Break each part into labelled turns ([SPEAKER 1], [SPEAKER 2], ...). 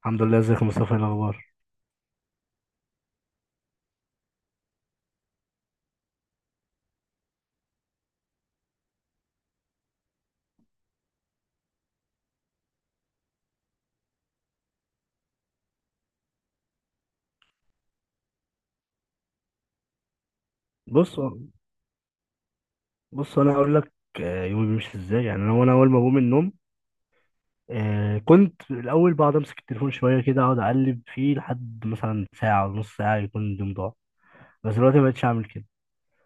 [SPEAKER 1] الحمد لله. ازيك يا مصطفى؟ ايه الاخبار؟ بص، بص، انا هقول لك. يومي بيمشي ازاي؟ يعني وانا اول ما بقوم من النوم، كنت الاول بقعد امسك التليفون شويه كده، اقعد اقلب فيه لحد مثلا ساعه ونص، ساعه يكون اليوم ضاع. بس دلوقتي ما بقتش اعمل كده،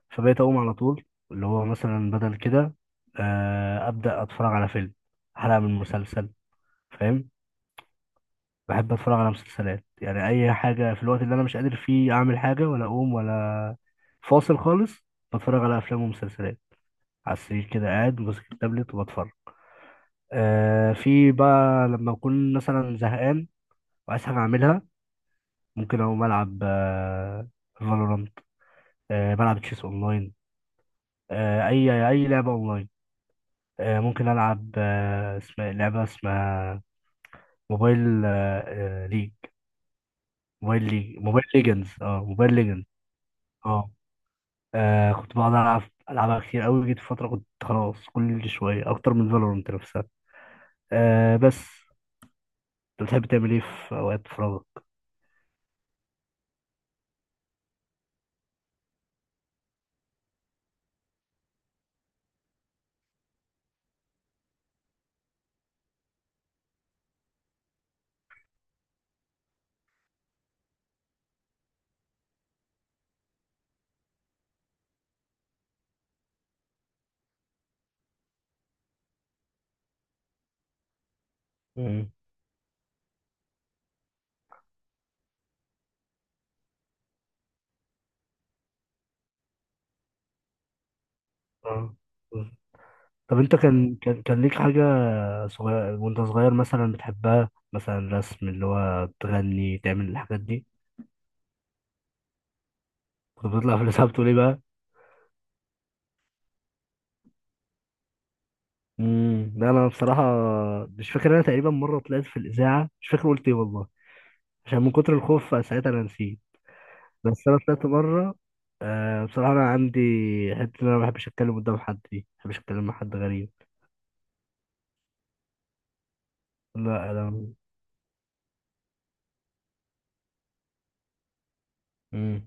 [SPEAKER 1] فبقيت اقوم على طول، اللي هو مثلا بدل كده ابدا اتفرج على فيلم، حلقه من مسلسل، فاهم. بحب اتفرج على مسلسلات، يعني اي حاجه في الوقت اللي انا مش قادر فيه اعمل حاجه ولا اقوم ولا. فاصل خالص، بتفرج على افلام ومسلسلات، على السرير كده قاعد ماسك التابلت وبتفرج. في بقى لما أكون مثلا زهقان وعايز حاجة أعملها، ممكن أقوم ألعب فالورانت، بلعب تشيس أونلاين، أي لعبة أونلاين، ممكن ألعب، اسمها لعبة اسمها موبايل آه آه، ليج موبايل ليج موبايل ليجنز. اه. كنت بقعد ألعب، ألعبها كتير أوي، جيت فترة كنت خلاص كل شوية أكتر من فالورانت نفسها. بس، أنت بتحب تعمل إيه في أوقات فراغك؟ مم. اه. مم. طب انت كان ليك حاجة وانت صغير مثلا بتحبها، مثلا رسم، اللي هو تغني، تعمل الحاجات دي؟ كنت بتطلع في الإذاعة، بتقول ايه بقى؟ لا، انا بصراحة مش فاكر، انا تقريبا مرة طلعت في الإذاعة، مش فاكر قلت ايه والله، عشان من كتر الخوف ساعتها انا نسيت. بس انا طلعت مرة. بصراحة انا عندي حتة ان انا ما بحبش اتكلم قدام حد، دي ما بحبش اتكلم مع حد غريب. لا انا. امم.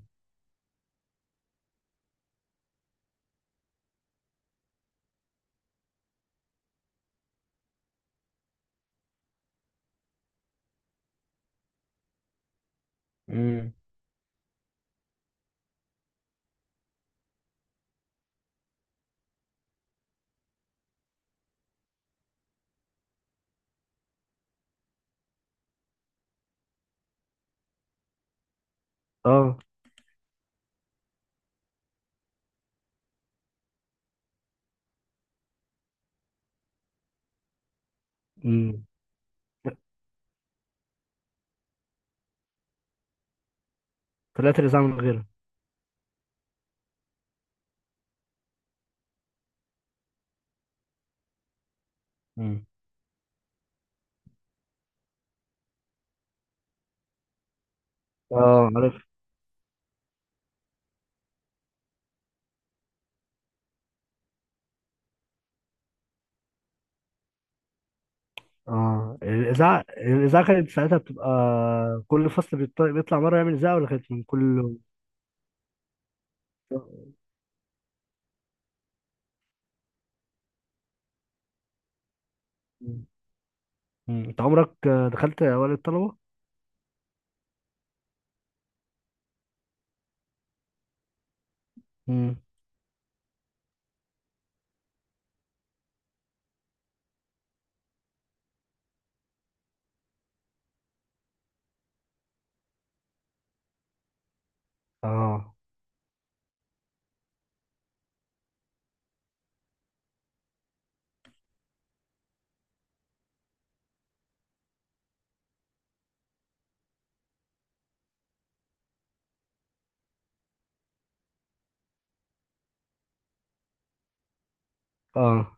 [SPEAKER 1] مم. اه. امم. طلعت الإذاعة من غيرها. اه، عارف. اه، الاذاعه كانت ساعتها بتبقى كل فصل بيطلع مره يعمل اذاعه، ولا كانت من كل؟ مم. انت عمرك دخلت اوائل الطلبه؟ مم. اه. اه.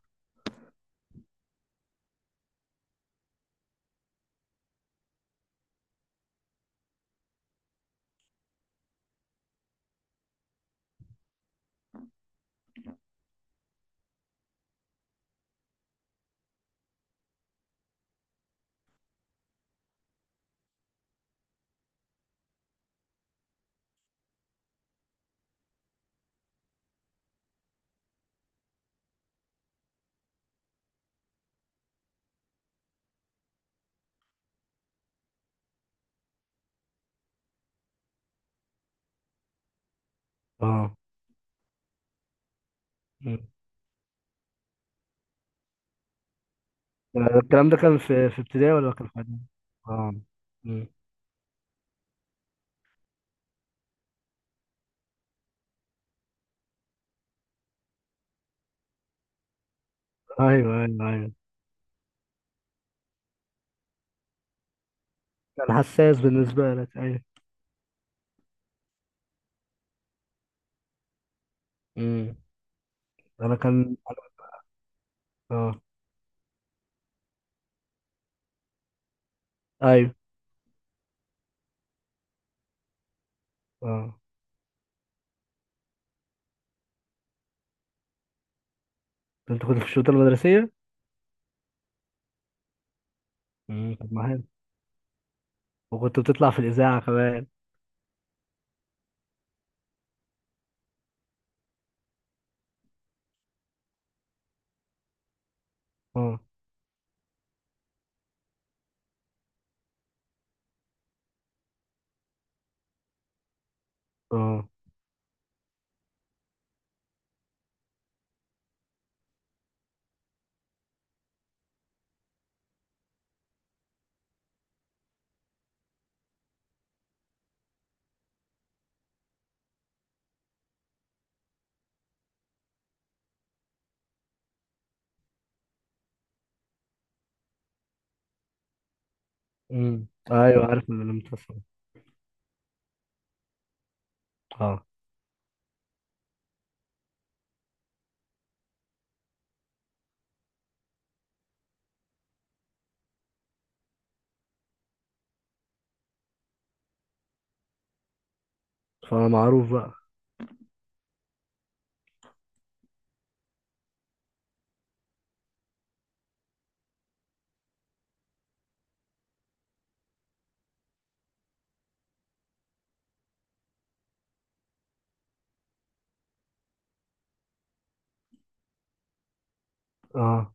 [SPEAKER 1] اه. مم. الكلام ده كان في ابتدائي ولا كان في إعدادي؟ اه. مم. ايوه، ايوه، ايوه. كان حساس بالنسبه لك، ايوه. مم. انا كان. اه. ايوه. اه. انت كنت في الشؤون المدرسيه؟ مم. طب ما حلو، وكنت بتطلع في الاذاعه كمان. اه. اه. امم، ايوه، عارف ان انا متصل. اه. فمعروف بقى. اه.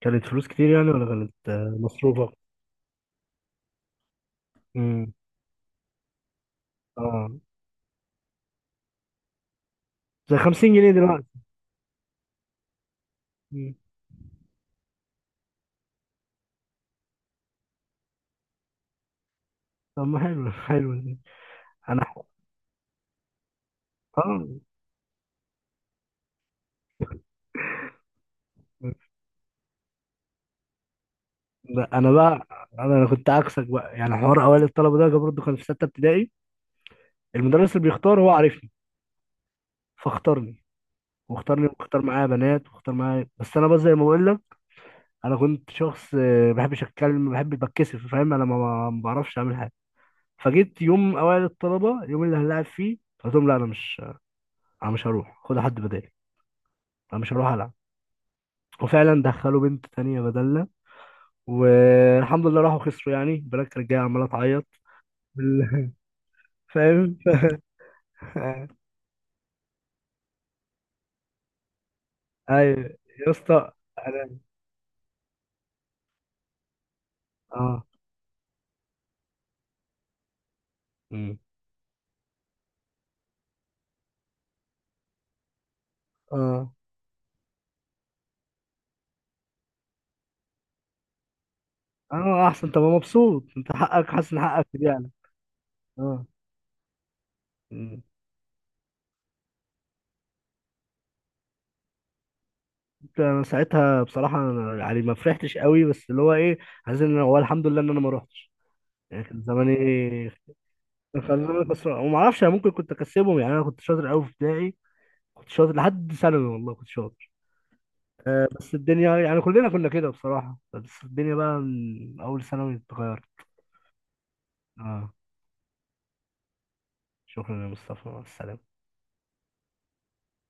[SPEAKER 1] كانت فلوس كتير يعني، ولا كانت مصروفة؟ امم. اه، زي 50 جنيه دلوقتي. مم. طب ما حلو، حلو ده. انا اه لا، انا بقى، أنا كنت عكسك بقى، يعني حوار اوائل الطلبه ده جاب برضه، كان في سته ابتدائي. المدرس اللي بيختار هو عارفني، فاختارني، واختارني واختار معايا بنات، واختار معايا بس انا بقى زي ما بقول لك، انا كنت شخص ما بحبش اتكلم، ما بحبش بتكسف فاهم، انا ما بعرفش اعمل. فجيت يوم اوائل الطلبه، اليوم اللي هنلعب فيه، قلت لهم لا، انا مش هروح، خد حد بدالي، انا مش هروح العب. وفعلا دخلوا بنت تانية بدلنا، والحمد لله راحوا خسروا، يعني البنات كانت جايه عماله تعيط. بال- فاهم. ايوه يا اسطى. انا. اه. أمم. اه. اه، احسن، طب مبسوط، انت حقك، حاسس ان حقك كده يعني. اه. أمم. انت انا ساعتها بصراحه، أنا يعني ما فرحتش قوي، بس اللي هو ايه، عايز ان هو الحمد لله ان انا ما روحتش، يعني كان زماني خلوني خسران، وما اعرفش انا ممكن كنت اكسبهم، يعني انا كنت شاطر قوي في ابتدائي، كنت شاطر لحد ثانوي والله كنت شاطر. بس الدنيا يعني كلنا كنا كده بصراحة، بس الدنيا بقى من اول ثانوي اتغيرت. اه. شكرا يا مصطفى، مع السلامة.